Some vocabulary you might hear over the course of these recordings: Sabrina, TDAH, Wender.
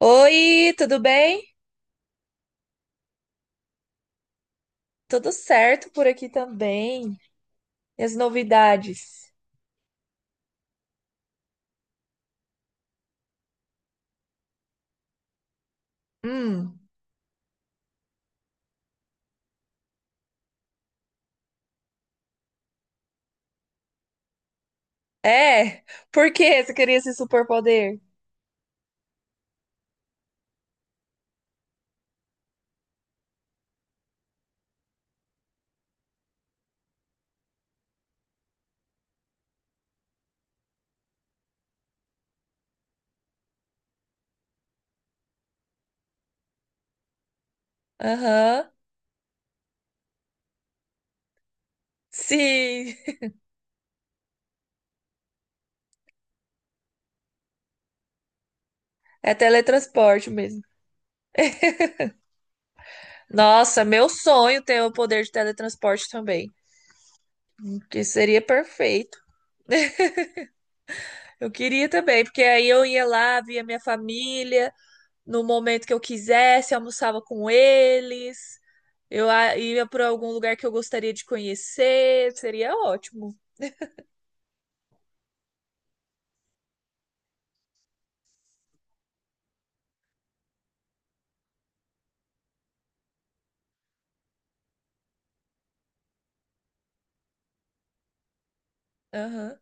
Oi, tudo bem? Tudo certo por aqui também. E as novidades? Hum, é? Por que você queria esse superpoder? Aham, sim, é teletransporte mesmo. Nossa, meu sonho ter o poder de teletransporte também, que seria perfeito. Eu queria também, porque aí eu ia lá, via minha família no momento que eu quisesse, almoçava com eles, ia para algum lugar que eu gostaria de conhecer, seria ótimo. Aham.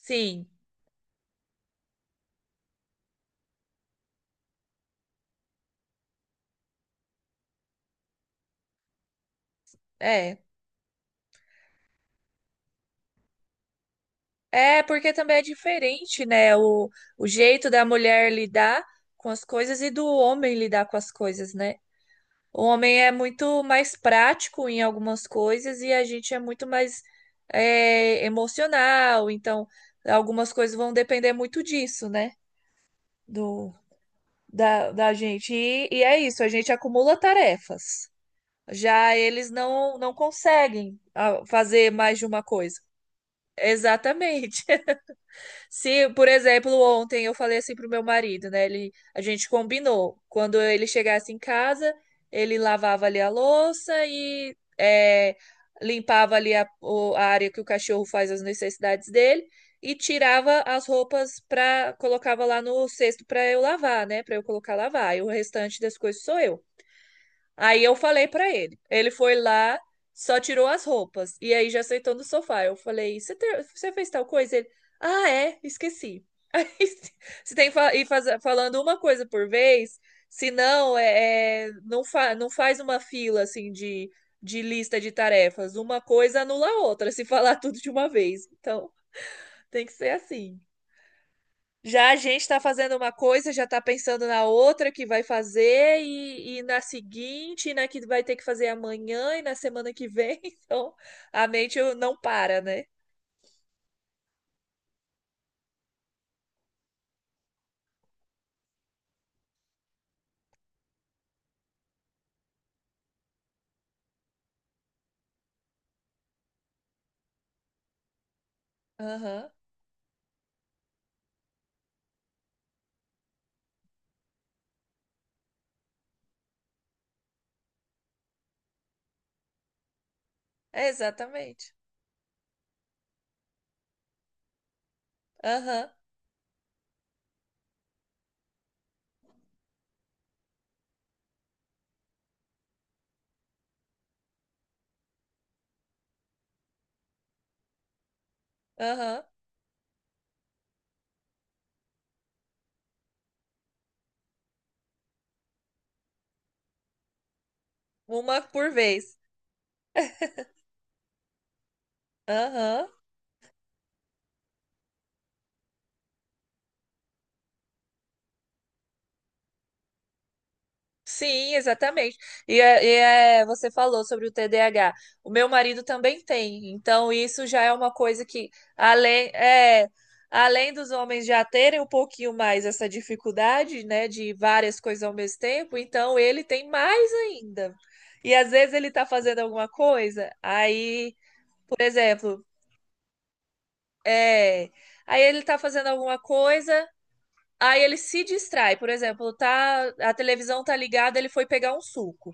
Sim, é. É, porque também é diferente, né? O jeito da mulher lidar com as coisas e do homem lidar com as coisas, né? O homem é muito mais prático em algumas coisas e a gente é muito mais emocional. Então, algumas coisas vão depender muito disso, né? Do, da gente. E, é isso, a gente acumula tarefas. Já eles não conseguem fazer mais de uma coisa. Exatamente. Se, por exemplo, ontem eu falei assim pro meu marido, né? Ele, a gente combinou. Quando ele chegasse em casa, ele lavava ali a louça e limpava ali a área que o cachorro faz as necessidades dele e tirava as roupas para colocava lá no cesto para eu lavar, né? Para eu colocar lavar. E o restante das coisas sou eu. Aí eu falei pra ele. Ele foi lá, só tirou as roupas. E aí já sentou no sofá. Eu falei: Você você fez tal coisa? Ele: Ah, é, esqueci. Aí você tem que ir falando uma coisa por vez, senão não faz uma fila assim de lista de tarefas. Uma coisa anula a outra, se falar tudo de uma vez. Então tem que ser assim. Já a gente está fazendo uma coisa, já está pensando na outra que vai fazer, e na seguinte, e na que vai ter que fazer amanhã, e na semana que vem. Então, a mente não para, né? Aham, é exatamente. Aham, aham. Uma por vez. Aham. Sim, exatamente. E é, você falou sobre o TDAH. O meu marido também tem, então isso já é uma coisa que, além, é, além dos homens já terem um pouquinho mais essa dificuldade, né, de várias coisas ao mesmo tempo, então ele tem mais ainda. E às vezes ele tá fazendo alguma coisa, aí, por exemplo, é, aí ele tá fazendo alguma coisa. Aí ele se distrai, por exemplo, tá, a televisão tá ligada, ele foi pegar um suco.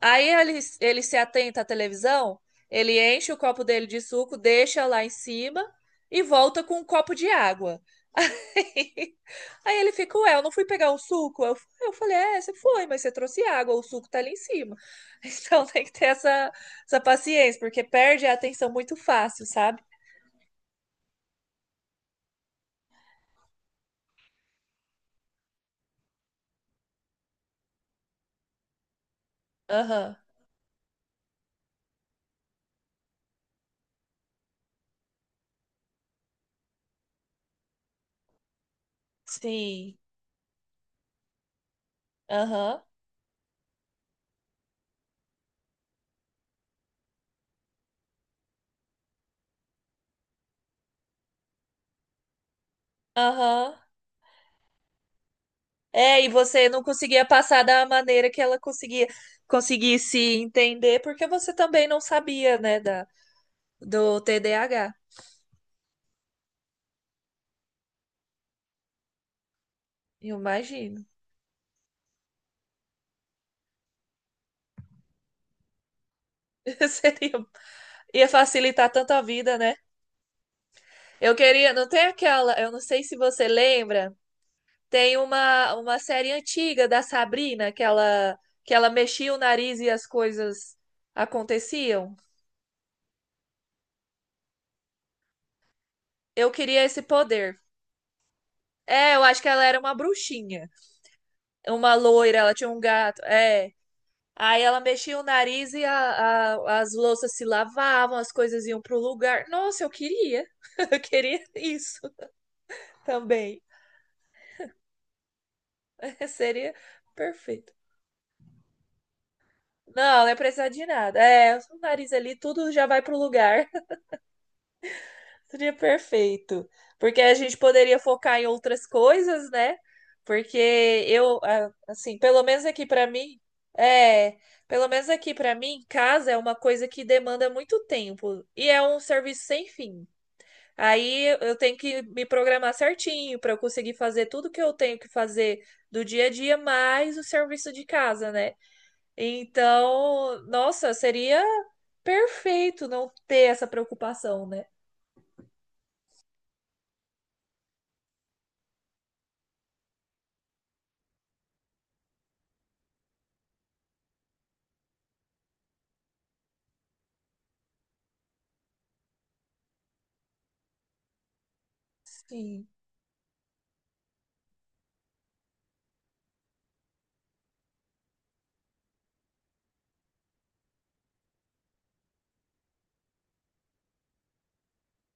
Aí ele se atenta à televisão, ele enche o copo dele de suco, deixa lá em cima e volta com um copo de água. Aí, aí ele fica, ué, eu não fui pegar um suco? Eu falei, é, você foi, mas você trouxe água, o suco tá ali em cima. Então tem que ter essa paciência, porque perde a atenção muito fácil, sabe? Aham, sim, aham, aham. É, e você não conseguia passar da maneira que ela conseguia conseguisse entender, porque você também não sabia, né, do TDAH. Eu imagino. Seria, ia facilitar tanto a vida, né? Eu queria, não tem aquela, eu não sei se você lembra, tem uma série antiga da Sabrina que ela mexia o nariz e as coisas aconteciam. Eu queria esse poder. É, eu acho que ela era uma bruxinha, uma loira, ela tinha um gato. É. Aí ela mexia o nariz e as louças se lavavam, as coisas iam pro lugar. Nossa, eu queria. Eu queria isso também. Seria perfeito. Não ia precisar de nada. É, o nariz ali, tudo já vai pro lugar. Seria perfeito. Porque a gente poderia focar em outras coisas, né? Porque eu, ah, assim, pelo menos aqui pra mim, é, pelo menos aqui pra mim, casa é uma coisa que demanda muito tempo e é um serviço sem fim. Aí eu tenho que me programar certinho para eu conseguir fazer tudo que eu tenho que fazer do dia a dia, mais o serviço de casa, né? Então, nossa, seria perfeito não ter essa preocupação, né? Sim.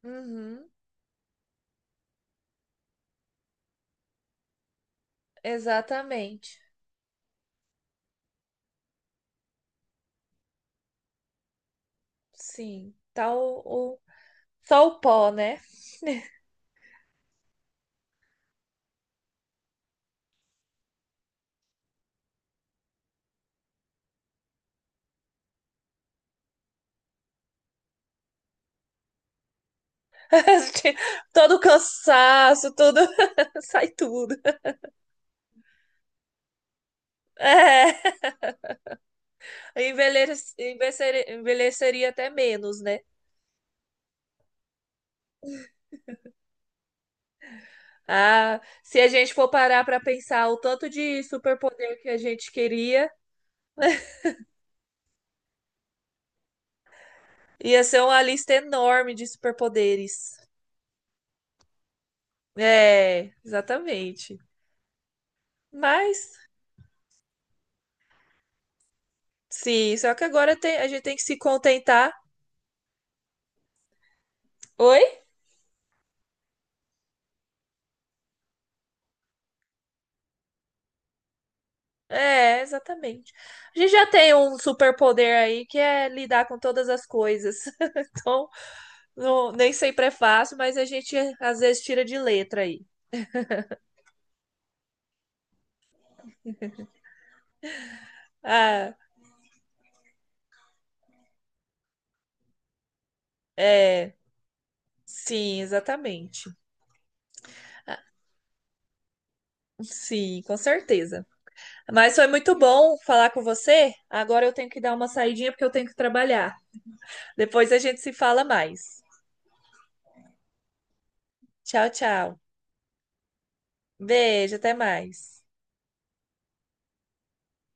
Uhum, exatamente. Sim. O- Só o pó, né? Todo o cansaço, tudo sai tudo. É. Envelheceria até menos, né? Ah, se a gente for parar para pensar o tanto de superpoder que a gente queria, ia ser uma lista enorme de superpoderes. É, exatamente. Mas, sim, só que agora a gente tem que se contentar. Oi? É, exatamente. A gente já tem um superpoder aí que é lidar com todas as coisas. Então, nem sempre é fácil, mas a gente às vezes tira de letra aí. Ah, é, sim, exatamente. Ah, sim, com certeza. Mas foi muito bom falar com você. Agora eu tenho que dar uma saidinha porque eu tenho que trabalhar. Depois a gente se fala mais. Tchau, tchau. Beijo, até mais.